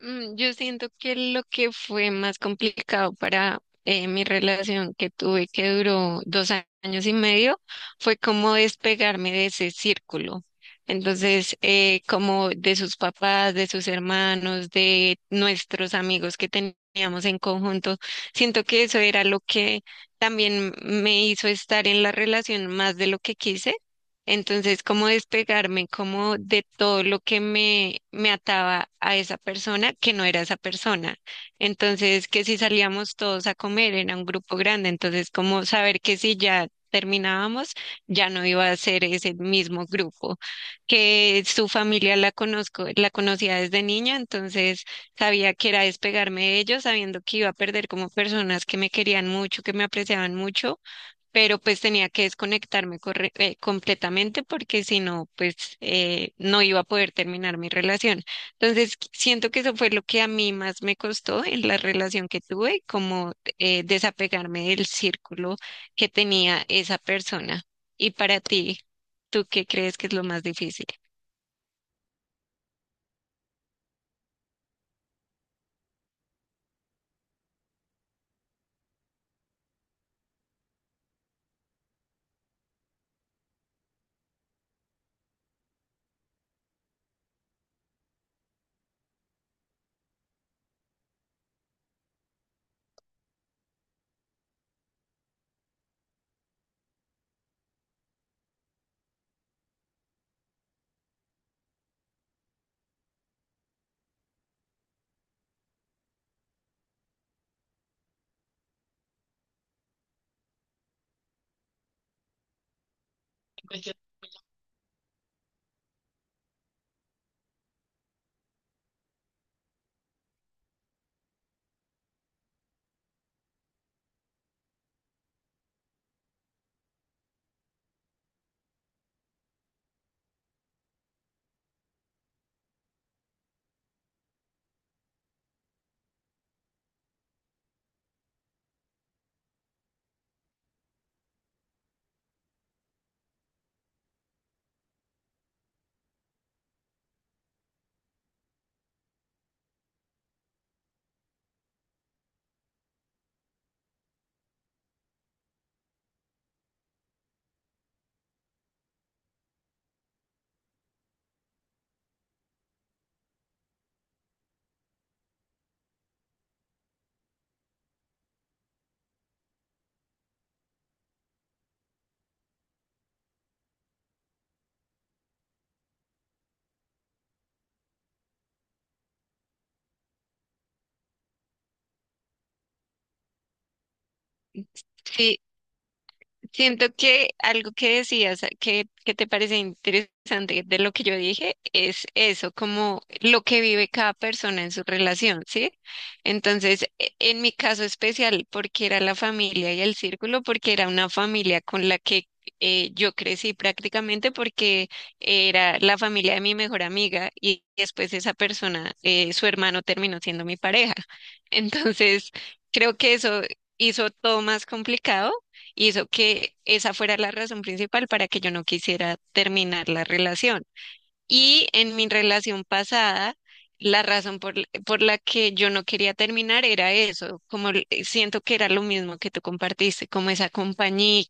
Mm, yo siento que lo que fue más complicado para mi relación que tuve, que duró años y medio, fue como despegarme de ese círculo. Entonces, como de sus papás, de sus hermanos, de nuestros amigos que teníamos en conjunto, siento que eso era lo que también me hizo estar en la relación más de lo que quise, entonces cómo despegarme, como de todo lo que me ataba a esa persona que no era esa persona. Entonces, que si salíamos todos a comer, era un grupo grande, entonces como saber que si ya terminábamos, ya no iba a ser ese mismo grupo, que su familia la conozco, la conocía desde niña, entonces sabía que era despegarme de ellos, sabiendo que iba a perder como personas que me querían mucho, que me apreciaban mucho, pero pues tenía que desconectarme completamente, porque si no, pues no iba a poder terminar mi relación. Entonces, siento que eso fue lo que a mí más me costó en la relación que tuve, como desapegarme del círculo que tenía esa persona. Y para ti, ¿tú qué crees que es lo más difícil? Siento que algo que decías que te parece interesante de lo que yo dije es eso, como lo que vive cada persona en su relación, ¿sí? Entonces, en mi caso especial, porque era la familia y el círculo, porque era una familia con la que yo crecí prácticamente, porque era la familia de mi mejor amiga y después esa persona, su hermano terminó siendo mi pareja. Entonces, creo que eso hizo todo más complicado, hizo que esa fuera la razón principal para que yo no quisiera terminar la relación. Y en mi relación pasada, la razón por la que yo no quería terminar era eso, como siento que era lo mismo que tú compartiste, como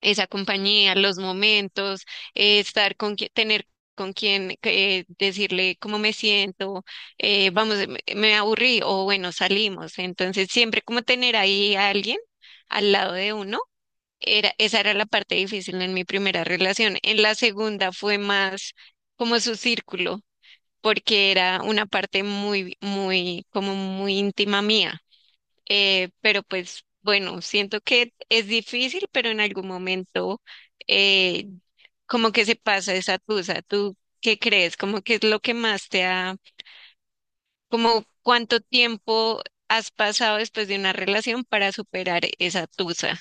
esa compañía, los momentos, estar con tener con quien decirle cómo me siento, vamos, me aburrí o bueno, salimos. Entonces, siempre como tener ahí a alguien al lado de uno era, esa era la parte difícil en mi primera relación. En la segunda fue más como su círculo, porque era una parte muy, muy, como muy íntima mía. Pero pues bueno, siento que es difícil, pero en algún momento eh, como que se pasa esa tusa. ¿Tú qué crees? ¿Cómo que es lo que más te ha, como cuánto tiempo has pasado después de una relación para superar esa tusa?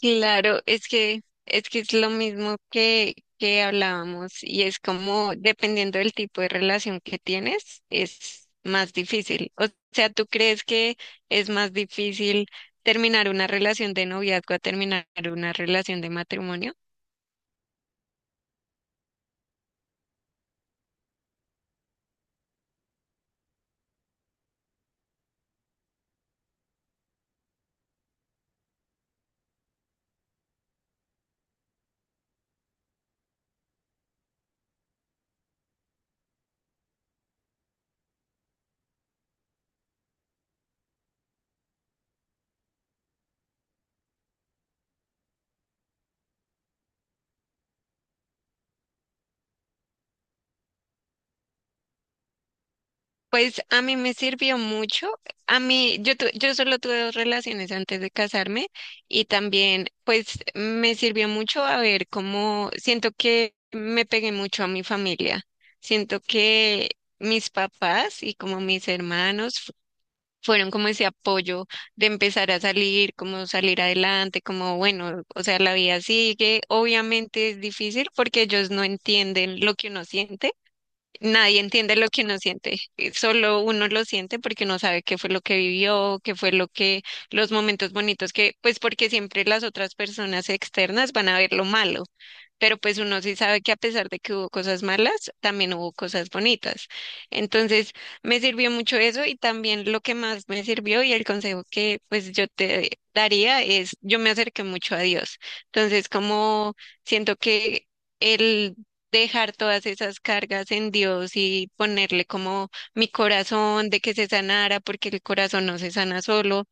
Claro, es que es lo mismo que hablábamos y es como dependiendo del tipo de relación que tienes es más difícil. O sea, ¿tú crees que es más difícil terminar una relación de noviazgo a terminar una relación de matrimonio? Pues a mí me sirvió mucho. A mí, yo solo tuve dos relaciones antes de casarme y también, pues me sirvió mucho, a ver, cómo siento que me pegué mucho a mi familia. Siento que mis papás y como mis hermanos fueron como ese apoyo de empezar a salir, como salir adelante, como bueno, o sea, la vida sigue. Obviamente es difícil porque ellos no entienden lo que uno siente. Nadie entiende lo que uno siente, solo uno lo siente porque no sabe qué fue lo que vivió, qué fue lo que, los momentos bonitos que, pues porque siempre las otras personas externas van a ver lo malo, pero pues uno sí sabe que a pesar de que hubo cosas malas, también hubo cosas bonitas. Entonces, me sirvió mucho eso y también lo que más me sirvió y el consejo que pues yo te daría es, yo me acerqué mucho a Dios. Entonces, como siento que... el dejar todas esas cargas en Dios y ponerle como mi corazón de que se sanara, porque el corazón no se sana solo,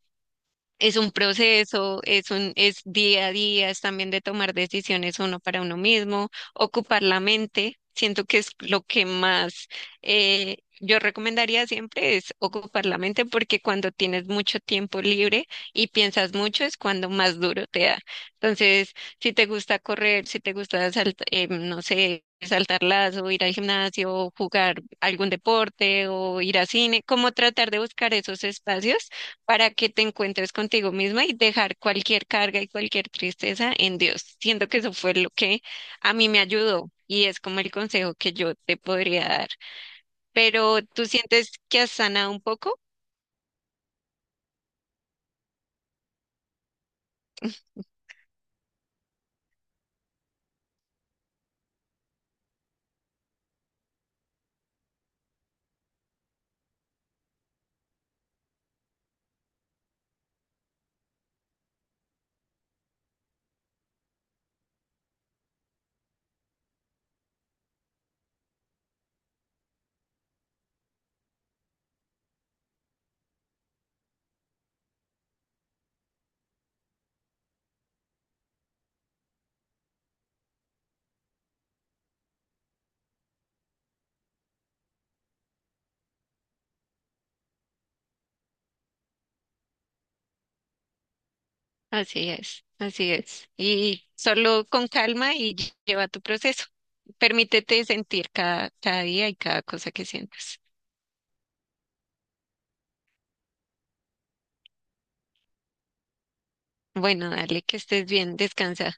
es un proceso, es día a día, es también de tomar decisiones uno para uno mismo, ocupar la mente. Siento que es lo que más yo recomendaría siempre es ocupar la mente, porque cuando tienes mucho tiempo libre y piensas mucho es cuando más duro te da. Entonces, si te gusta correr, si te gusta no sé, saltar lazo, ir al gimnasio, jugar algún deporte o ir a cine, como tratar de buscar esos espacios para que te encuentres contigo misma y dejar cualquier carga y cualquier tristeza en Dios. Siento que eso fue lo que a mí me ayudó y es como el consejo que yo te podría dar. Pero ¿tú sientes que has sanado un poco? Así es, así es. Y solo con calma y lleva tu proceso. Permítete sentir cada, cada día y cada cosa que sientas. Bueno, dale, que estés bien, descansa.